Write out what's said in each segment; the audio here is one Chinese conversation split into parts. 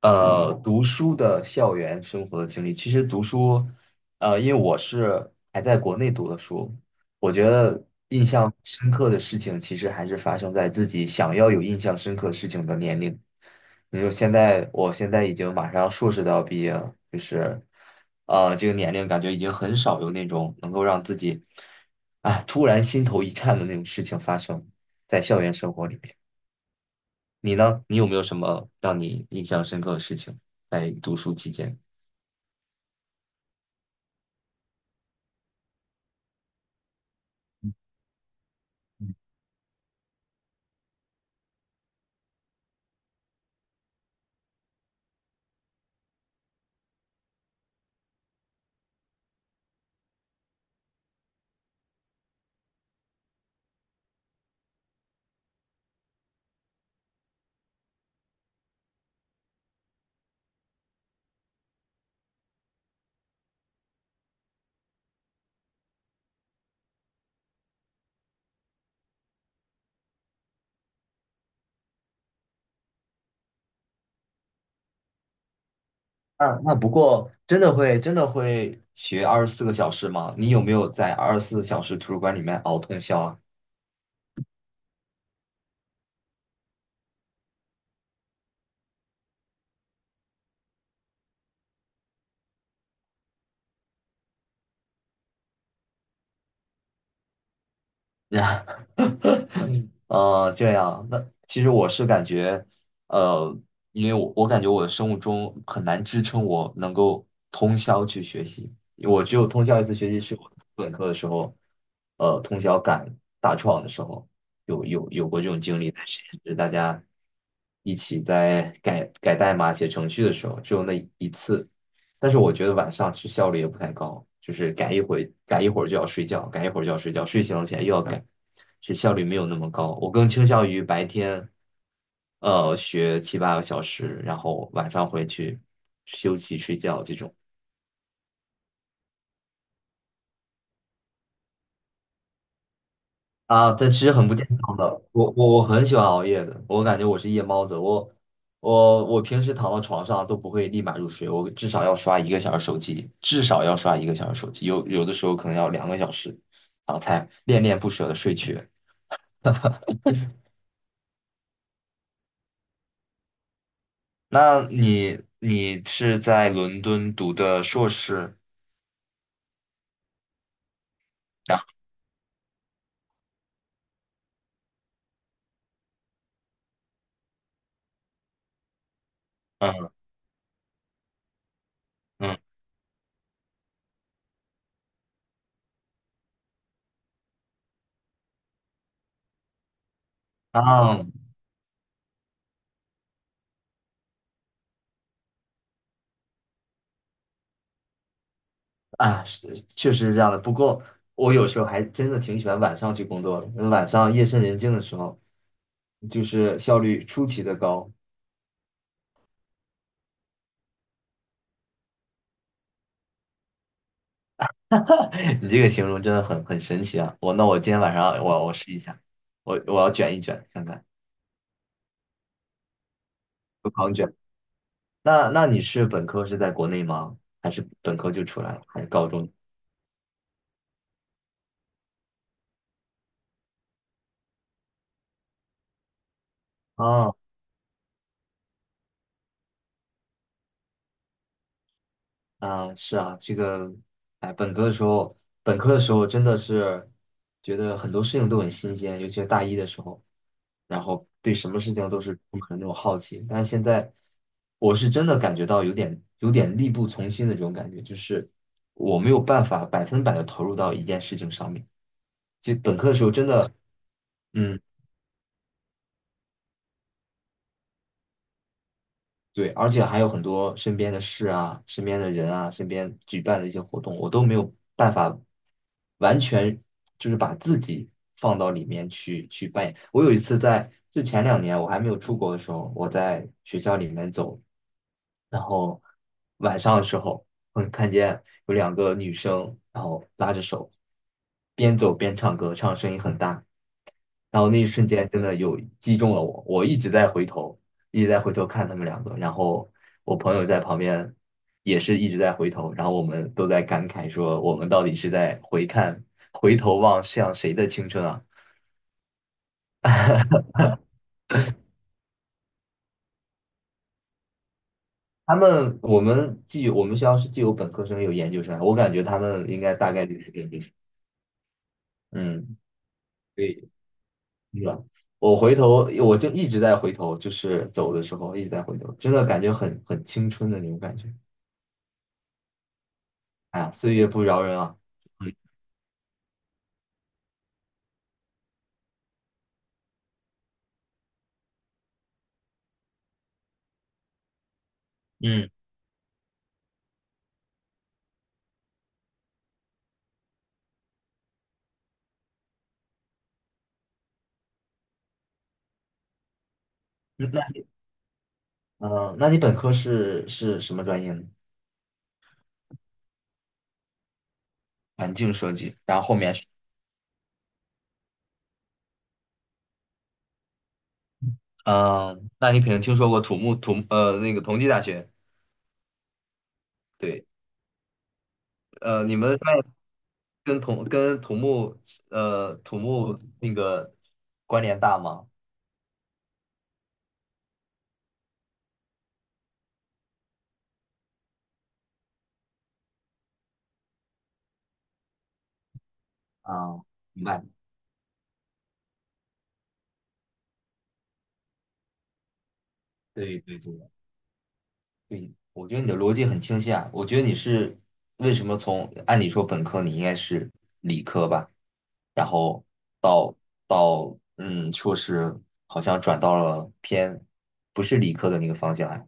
读书的校园生活的经历，其实读书，因为我是还在国内读的书，我觉得印象深刻的事情，其实还是发生在自己想要有印象深刻事情的年龄。你说现在，我现在已经马上硕士都要毕业了，就是，这个年龄感觉已经很少有那种能够让自己，突然心头一颤的那种事情发生在校园生活里面。你呢？你有没有什么让你印象深刻的事情在读书期间？啊，那不过真的会学24个小时吗？你有没有在24小时图书馆里面熬通宵啊？这样，那其实我是感觉，呃，因为我感觉我的生物钟很难支撑我能够通宵去学习，我只有通宵一次学习是我本科的时候，通宵赶大创的时候，有过这种经历，但是就是大家一起在改改代码、写程序的时候，只有那一次，但是我觉得晚上其实效率也不太高，就是改一会改一会儿就要睡觉，改一会儿就要睡觉，睡醒了起来又要改。是效率没有那么高。我更倾向于白天，学七八个小时，然后晚上回去休息睡觉这种啊，这其实很不健康的。我很喜欢熬夜的，我感觉我是夜猫子。我平时躺到床上都不会立马入睡，我至少要刷一个小时手机，至少要刷一个小时手机，有的时候可能要2个小时，然后才恋恋不舍的睡去。那你是在伦敦读的硕士？然后嗯。嗯啊啊，是确实是这样的。不过我有时候还真的挺喜欢晚上去工作的，因为晚上夜深人静的时候，就是效率出奇的高。你这个形容真的很神奇啊！那我今天晚上我试一下，我要卷一卷看看，我狂卷。那你是本科是在国内吗？还是本科就出来了？还是高中？哦，啊，是啊，这个，哎，本科的时候，本科的时候真的是觉得很多事情都很新鲜，尤其是大一的时候。然后对什么事情都是充满那种好奇。但是现在，我是真的感觉到有点力不从心的这种感觉，就是我没有办法百分百的投入到一件事情上面。就本科的时候真的，嗯，对，而且还有很多身边的事啊、身边的人啊、身边举办的一些活动，我都没有办法完全就是把自己放到里面去扮演。我有一次在就前2年我还没有出国的时候，我在学校里面走。然后晚上的时候，我看见有两个女生，然后拉着手，边走边唱歌，唱声音很大。然后那一瞬间真的有击中了我，我一直在回头，一直在回头看他们两个。然后我朋友在旁边也是一直在回头，然后我们都在感慨说，我们到底是在回看、回头望向谁的青春啊？他们，我们既我们学校是既有本科生也有研究生，我感觉他们应该大概率是这生。嗯。对。是吧？我回头，我就一直在回头，就是走的时候一直在回头，真的感觉很青春的那种感觉。哎呀，岁月不饶人啊！嗯，嗯，嗯那嗯那你本科是什么专业呢？环境设计，然后后面是嗯，那你肯定听说过土木土呃那个同济大学，对，你们那跟土木那个关联大吗？啊，明白，对对对，对，我觉得你的逻辑很清晰啊。我觉得你是为什么从按理说本科你应该是理科吧，然后到到硕士好像转到了偏不是理科的那个方向啊。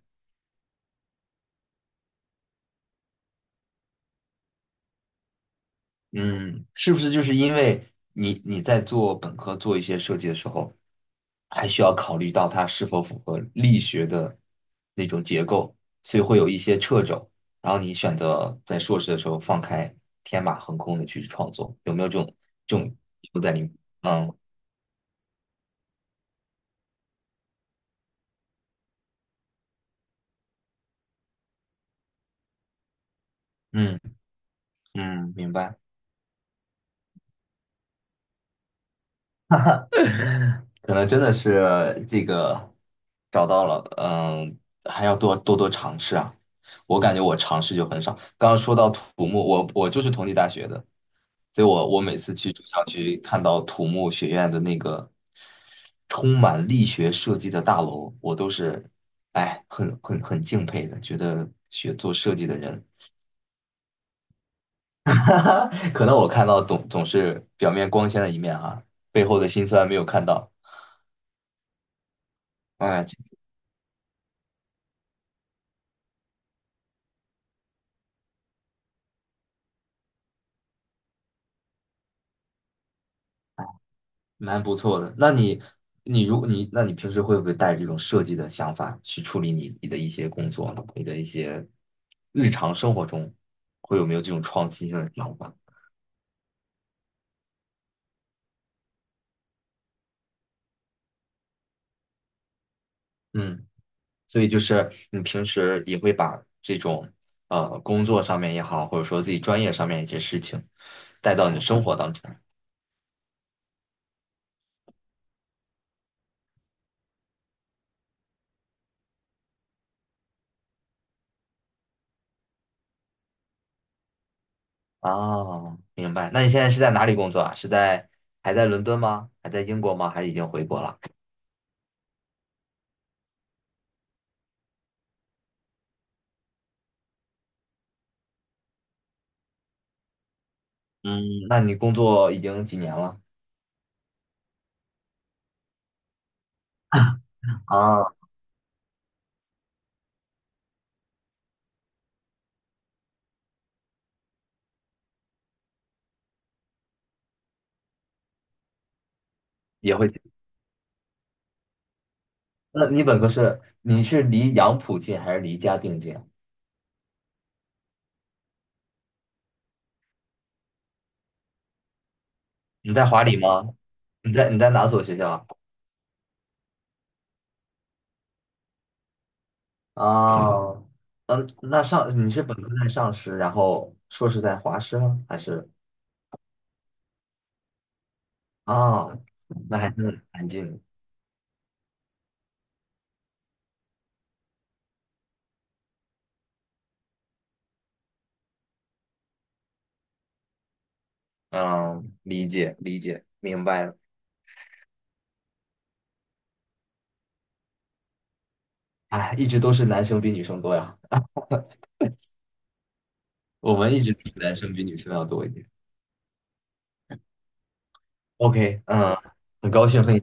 嗯，是不是就是因为你在做本科做一些设计的时候，还需要考虑到它是否符合力学的那种结构，所以会有一些掣肘。然后你选择在硕士的时候放开天马行空的去创作，有没有这种因素在里面？嗯嗯嗯，明白。可能真的是这个找到了，嗯，还要多多尝试啊。我感觉我尝试就很少。刚刚说到土木，我就是同济大学的，所以我每次去住校区看到土木学院的那个充满力学设计的大楼，我都是很敬佩的，觉得学做设计的人，可能我看到总是表面光鲜的一面啊，背后的辛酸没有看到。哎，蛮不错的。那你，你如果你，那你平时会不会带着这种设计的想法去处理你的一些工作呢你的一些日常生活中，会有没有这种创新性的想法？嗯，所以就是你平时也会把这种工作上面也好，或者说自己专业上面一些事情带到你的生活当中。哦，明白。那你现在是在哪里工作啊？是在还在伦敦吗？还在英国吗？还是已经回国了？嗯，那你工作已经几年了？啊，也会那你本科是你是离杨浦近还是离嘉定近？你在华理吗？你在哪所学校啊？哦，嗯，那上你是本科在上师，然后硕士在华师吗？还是啊？那还是很近的。嗯，理解理解，明白了。哎，一直都是男生比女生多呀，我们一直比男生比女生要多一点。OK,嗯，很高兴和你。